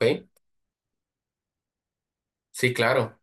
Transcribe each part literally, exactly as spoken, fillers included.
¿Ve? Sí, claro,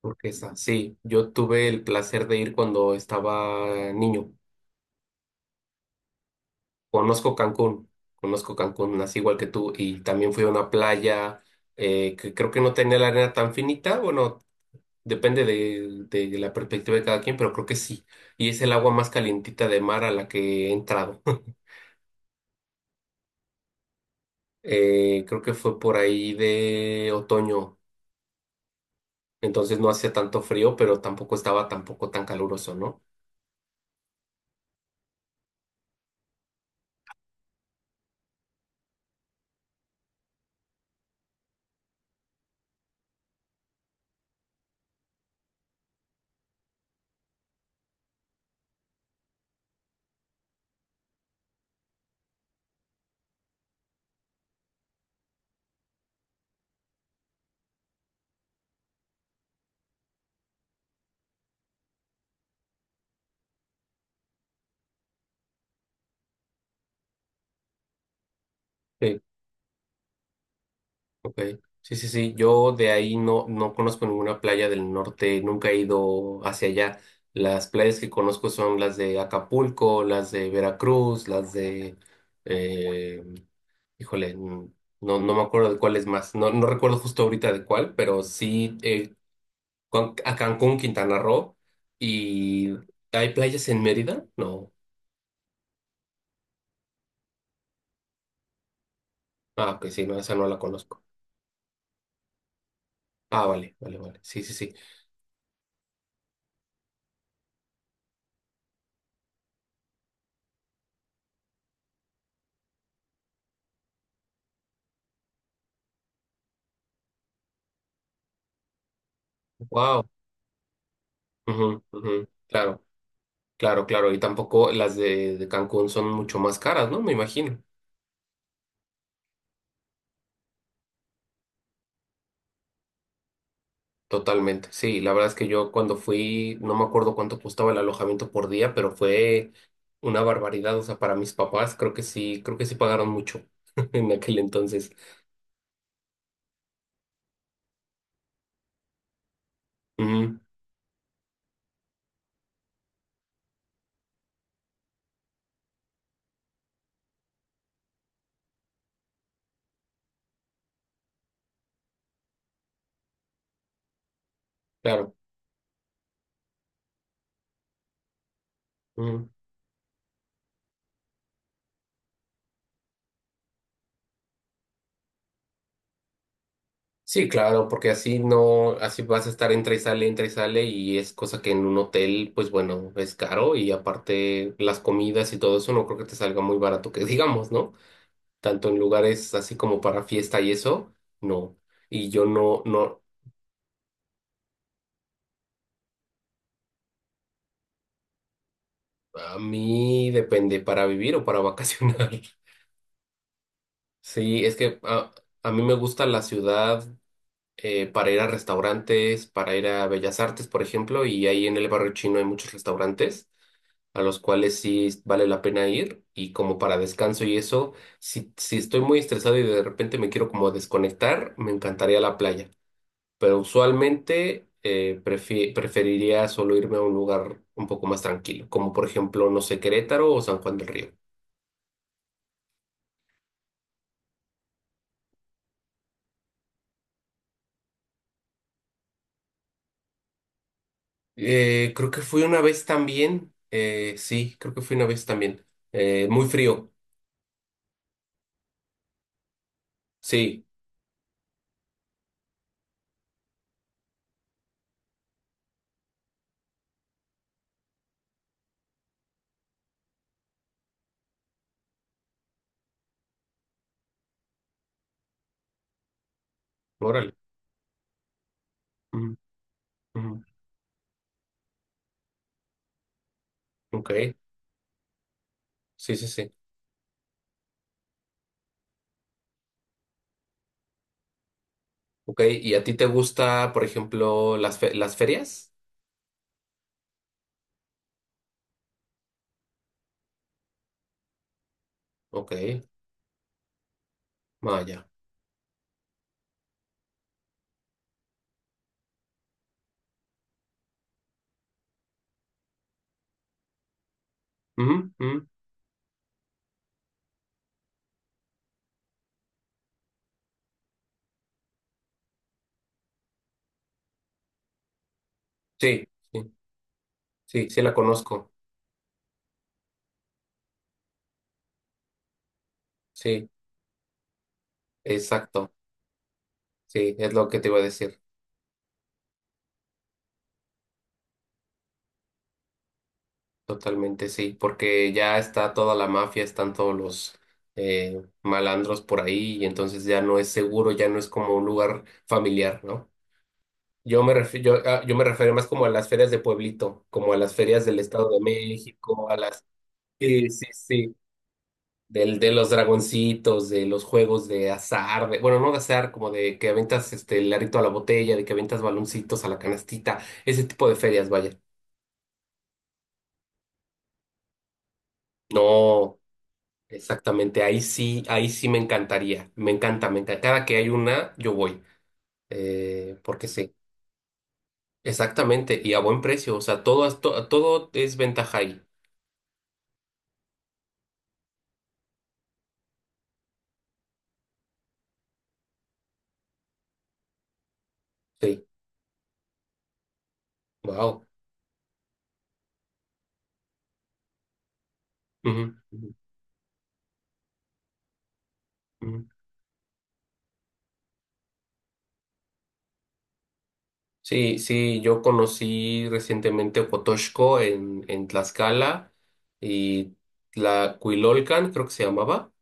¿porque está? Sí, yo tuve el placer de ir cuando estaba niño. Conozco Cancún, conozco Cancún, nací igual que tú, y también fui a una playa eh, que creo que no tenía la arena tan finita, bueno, depende de, de la perspectiva de cada quien, pero creo que sí. Y es el agua más calientita de mar a la que he entrado. Eh, creo que fue por ahí de otoño, entonces no hacía tanto frío, pero tampoco estaba tampoco tan caluroso, ¿no? Eh, Ok, sí, sí, sí. Yo de ahí no, no conozco ninguna playa del norte, nunca he ido hacia allá. Las playas que conozco son las de Acapulco, las de Veracruz, las de... eh, híjole, n- no, no me acuerdo de cuál es más. No, no recuerdo justo ahorita de cuál, pero sí eh, Cuan- a Cancún, Quintana Roo. ¿Y hay playas en Mérida? No. Ah, ok, sí, no, esa no la conozco. Ah, vale, vale, vale. Sí, sí, sí. Wow. Claro. Claro, claro, y tampoco las de, de Cancún son mucho más caras, ¿no? Me imagino. Totalmente, sí, la verdad es que yo cuando fui, no me acuerdo cuánto costaba el alojamiento por día, pero fue una barbaridad, o sea, para mis papás creo que sí, creo que sí pagaron mucho en aquel entonces. Ujú, claro. Ujú. Sí, claro, porque así no, así vas a estar entra y sale, entra y sale, y es cosa que en un hotel, pues bueno, es caro, y aparte las comidas y todo eso no creo que te salga muy barato, que digamos, ¿no? Tanto en lugares así como para fiesta y eso, no. Y yo no, no, a mí depende para vivir o para vacacionar. Sí, es que a, a mí me gusta la ciudad eh, para ir a restaurantes, para ir a Bellas Artes, por ejemplo, y ahí en el barrio chino hay muchos restaurantes a los cuales sí vale la pena ir y como para descanso y eso, si, si estoy muy estresado y de repente me quiero como desconectar, me encantaría la playa. Pero usualmente eh, prefi- preferiría solo irme a un lugar un poco más tranquilo, como por ejemplo, no sé, Querétaro o San Juan del Río. Eh, creo que fui una vez también, eh, sí, creo que fui una vez también. Eh, muy frío, sí, órale. Ujú, ujú. Ok, sí, sí, sí. Ok, ¿y a ti te gusta, por ejemplo, las, fe- las ferias? Ok, vaya. Ujú, ujú. Sí, sí, sí, sí la conozco, sí, exacto, sí, es lo que te iba a decir. Totalmente sí, porque ya está toda la mafia, están todos los eh, malandros por ahí y entonces ya no es seguro, ya no es como un lugar familiar, ¿no? Yo me refi- yo, ah, yo me refiero más como a las ferias de pueblito, como a las ferias del Estado de México, a las sí, sí, sí, del de los dragoncitos, de los juegos de azar, de, bueno, no de azar, como de que aventas este el arito a la botella, de que aventas baloncitos a la canastita, ese tipo de ferias, vaya. No. Exactamente, ahí sí, ahí sí me encantaría, me encanta, me encanta. Cada que hay una, yo voy, eh, porque sí, exactamente, y a buen precio, o sea, todo, es- to- todo es ventaja ahí, sí, wow. Sí, sí, yo conocí recientemente Ocotoxco en, en Tlaxcala y Tlacuilolcan, creo que se llamaba,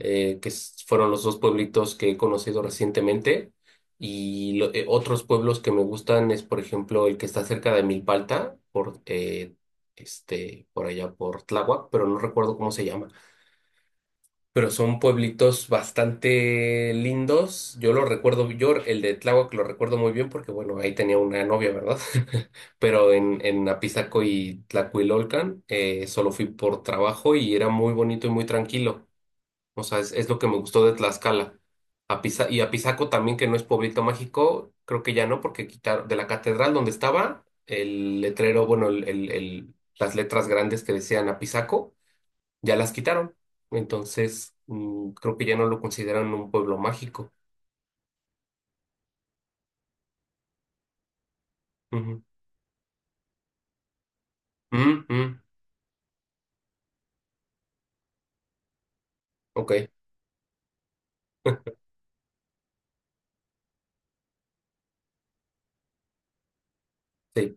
eh, que s- fueron los dos pueblitos que he conocido recientemente. Y lo- eh, otros pueblos que me gustan es, por ejemplo, el que está cerca de Milpalta, por, eh, este, por allá por Tláhuac, pero no recuerdo cómo se llama, pero son pueblitos bastante lindos. Yo lo recuerdo, yo el de Tláhuac lo recuerdo muy bien porque, bueno, ahí tenía una novia, ¿verdad? Pero en, en Apizaco y Tlacuilolcan eh, solo fui por trabajo y era muy bonito y muy tranquilo. O sea, es, es lo que me gustó de Tlaxcala. Apiza- y Apizaco también, que no es pueblito mágico, creo que ya no, porque quitaron de la catedral donde estaba el letrero, bueno, el, el- el- las letras grandes que decían Apizaco ya las quitaron. Entonces, mm, creo que ya no lo consideran un pueblo mágico. Ujú. Mm, mm, ok, sí,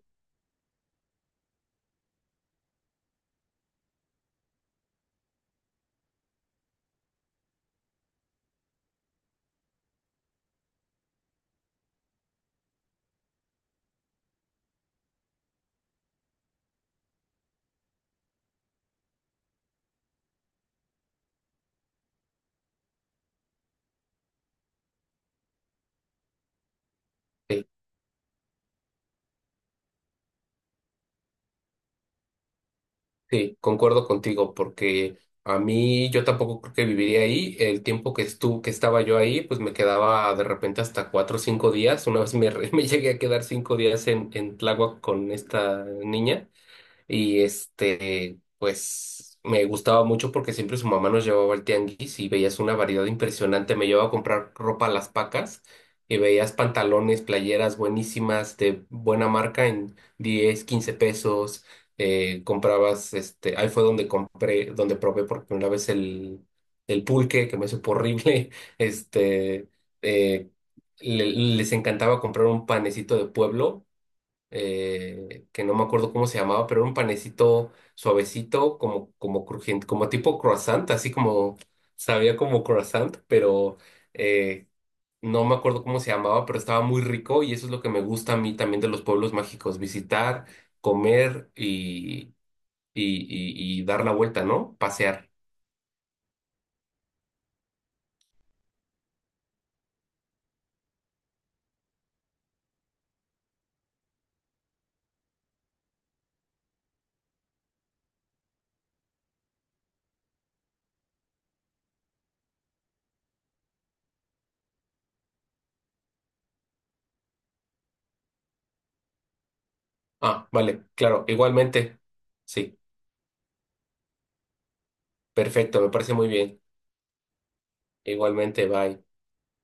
sí, sí, concuerdo contigo, porque a mí yo tampoco creo que viviría ahí. El tiempo que estuvo, que estaba yo ahí, pues me quedaba de repente hasta cuatro o cinco días. Una vez me, re- me llegué a quedar cinco días en, en Tláhuac con esta niña. Y este, pues me gustaba mucho porque siempre su mamá nos llevaba al tianguis y veías una variedad impresionante. Me llevaba a comprar ropa a las pacas y veías pantalones, playeras buenísimas de buena marca en diez quince pesos. Eh, comprabas, este, ahí fue donde compré, donde probé por primera vez el, el pulque, que me supo horrible. Este, eh, le- les encantaba comprar un panecito de pueblo eh, que no me acuerdo cómo se llamaba, pero era un panecito suavecito, como, como crujiente, como tipo croissant, así como sabía como croissant, pero eh, no me acuerdo cómo se llamaba, pero estaba muy rico y eso es lo que me gusta a mí también de los pueblos mágicos, visitar, comer y, y, y, y dar la vuelta, ¿no? Pasear. Ah, vale, claro, igualmente. Sí, perfecto, me parece muy bien. Igualmente, bye.